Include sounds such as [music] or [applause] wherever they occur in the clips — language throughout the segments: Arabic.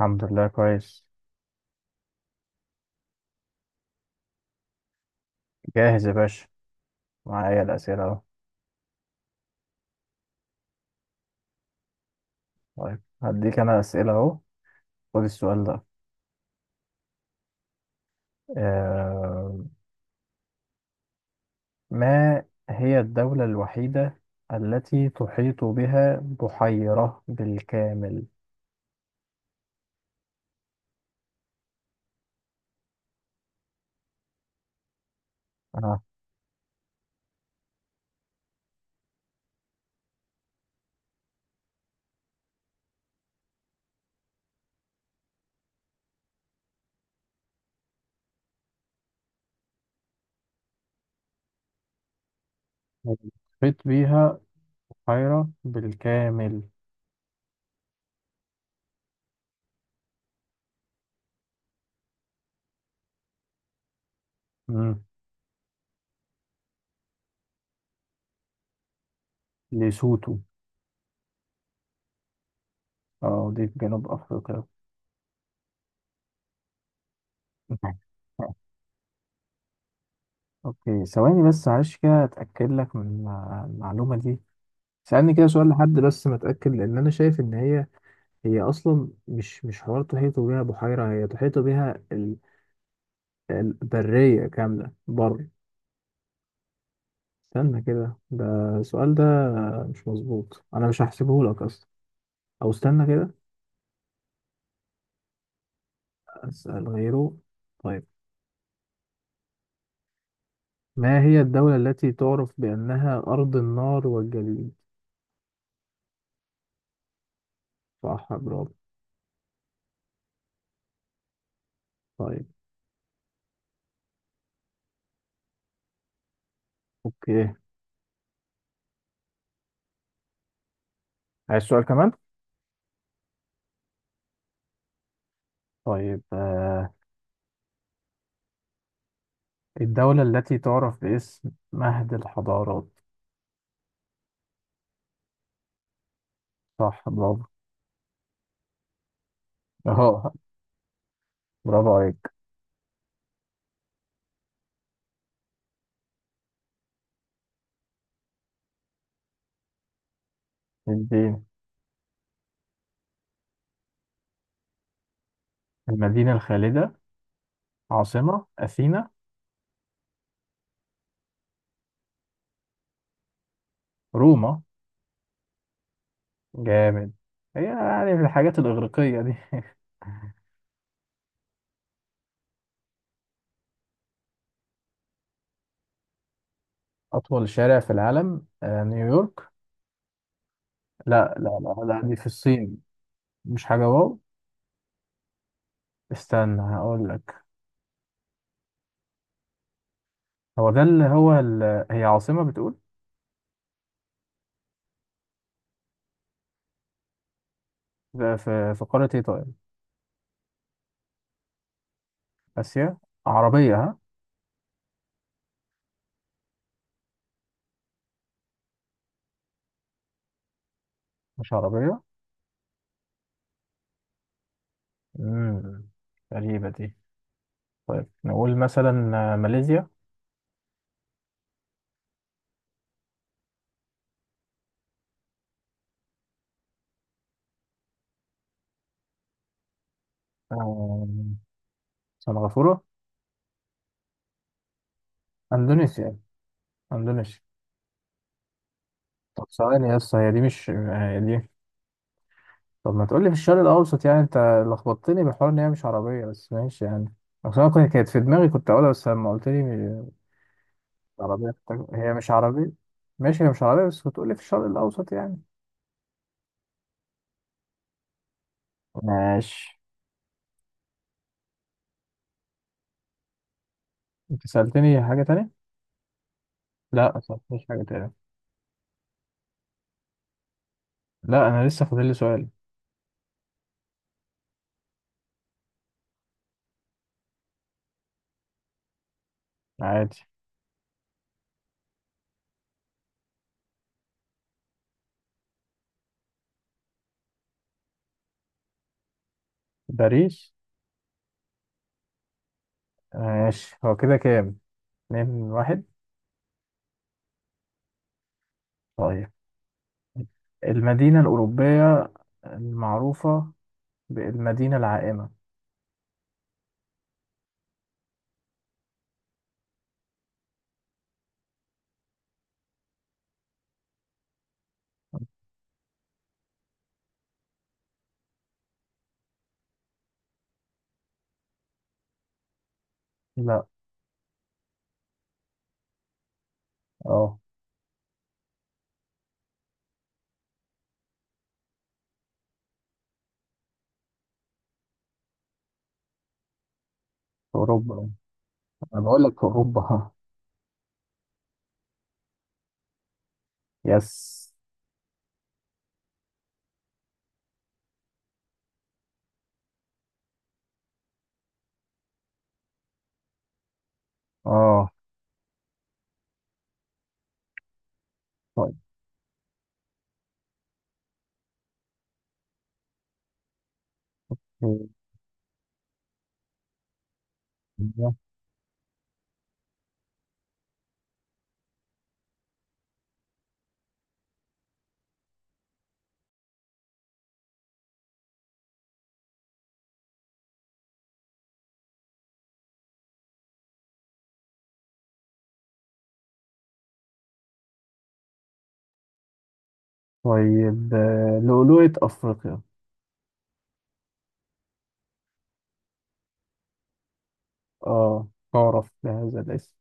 الحمد لله كويس. جاهز يا باشا، معايا الأسئلة أهو. طيب هديك أنا أسئلة أهو، خد السؤال ده. آه، ما هي الدولة الوحيدة التي تحيط بها بحيرة بالكامل؟ آه. تحيط بها بحيرة بالكامل. مم. ليسوتو. اه، دي في جنوب أفريقيا. [laughs] أوكي ثواني بس معلش كده أتأكد لك من المعلومة دي. سألني كده سؤال لحد بس متأكد، لأن أنا شايف إن هي اصلا مش حوار تحيطوا بيها بحيره، هي تحيطوا بيها البريه كامله بر. استنى كده، ده السؤال ده مش مظبوط، انا مش هحسبه لك اصلا، او استنى كده. اسال غيره. طيب، ما هي الدوله التي تعرف بانها ارض النار والجليد؟ صح، برافو. طيب، اوكي، عايز سؤال كمان. طيب آه، الدوله التي تعرف باسم مهد الحضارات؟ صح، برافو. [laughs] اهو، برافو عليك. اديني. المدينة الخالدة؟ عاصمة أثينا؟ روما؟ جامد، هي يعني من الحاجات الإغريقية دي. [laughs] أطول شارع في العالم، نيويورك؟ لا لا لا لا، دي في الصين. مش حاجة واو. استنى هقول لك. هو ده اللي هو ال... هي عاصمة بتقول. في في في قارة إيه طيب؟ آسيا؟ عربية ها؟ مش عربية؟ امم غريبة دي. طيب، نقول مثلا ماليزيا؟ آه، سنغافورة؟ أندونيسيا، أندونيسيا. طب ثواني يا اسطى، هي دي مش هي دي. طب ما تقولي في الشرق الاوسط يعني انت، لخبطتني بحوار ان هي مش عربيه بس ماشي يعني. اصل انا كانت في دماغي كنت اقولها، بس لما قلت لي مش عربيه هي مش عربيه. ماشي، هي مش عربيه بس بتقولي في الشرق الاوسط يعني. ماشي. انت سالتني حاجه تانية؟ لا، ما سالتنيش حاجه تانية. لا، انا لسه فاضل لي سؤال. عادي. باريس. ماشي، هو كده كام؟ 2-1. طيب، المدينه الاوروبيه المعروفه بالمدينه العائمه؟ لا. اه، في اوروبا. انا بقول لك في اوروبا. [laughs] ها. يس. اه طيب. طيب لؤلؤة افريقيا. اه، تعرف بهذا الاسم.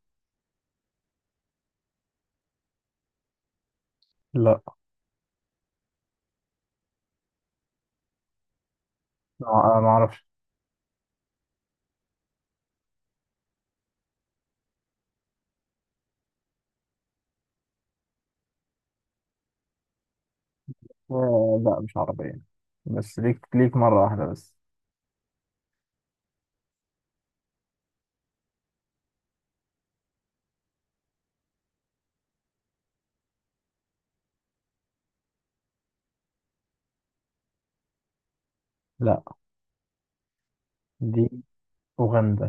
لا. ما ما اعرفش. لا مش عربية. بس ليك ليك مرة واحدة بس. لا، دي اوغندا.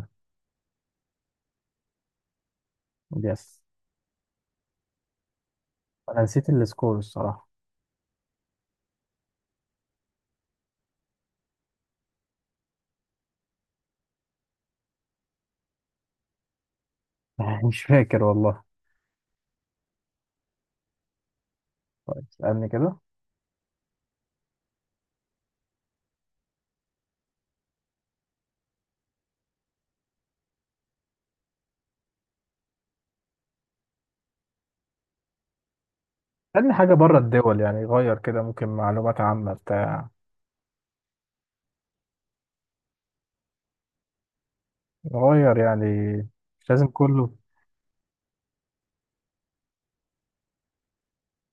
يس. انا نسيت السكور الصراحة. [laughs] مش فاكر والله. طيب اسألني كده. اسألني حاجة بره الدول يعني، غير كده ممكن معلومات عامة بتاع، غير يعني، مش لازم كله.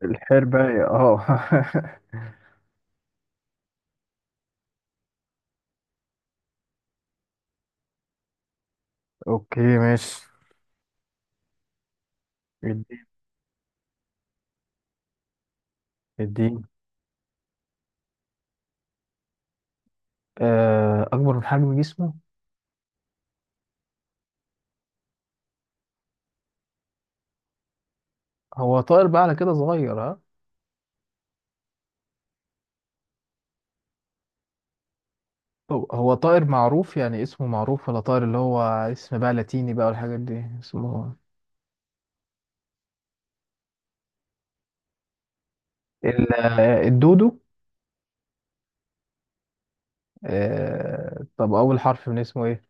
الحربة اه. [laughs] اوكي ماشي. الدين، الدين. اكبر من حجم جسمه. هو طائر بقى على كده صغير ها؟ هو هو طائر معروف يعني اسمه معروف، ولا طائر اللي هو اسم بقى لاتيني بقى والحاجات دي اسمه؟ الدودو؟ طب اول حرف من اسمه ايه؟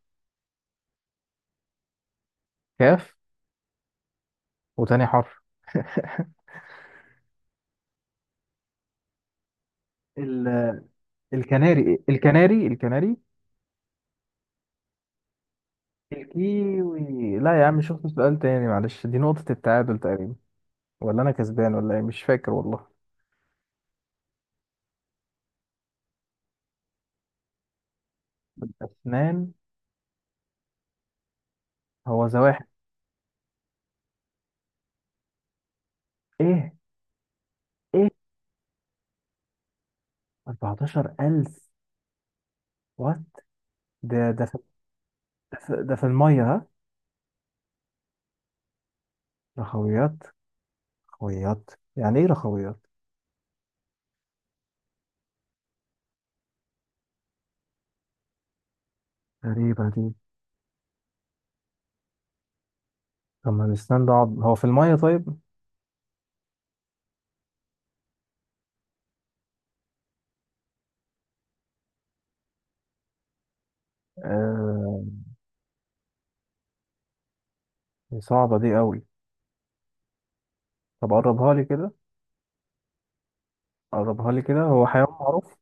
كاف؟ وتاني حرف؟ ال- الكناري، الكناري، الكناري. الكيوي، لا يا عم شوف سؤال تاني معلش. دي نقطة التعادل تقريبا، ولا انا كسبان، ولا ايه مش فاكر والله. الأسنان. هو زواحف؟ إيه؟ إيه؟ 14,000؟ وات؟ ده ده في ده في المية ها؟ رخويات، رخويات. يعني إيه رخويات؟ غريبة دي. طب ما الأسنان ده هو في المية طيب. آه دي صعبة دي قوي. طب قربها لي كده. قربها لي كده، هو حيوان معروف.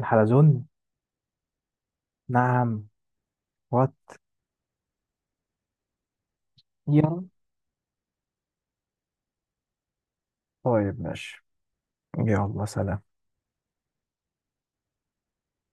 الحلزون. نعم؟ وات؟ يلا طيب ماشي. يلا سلام.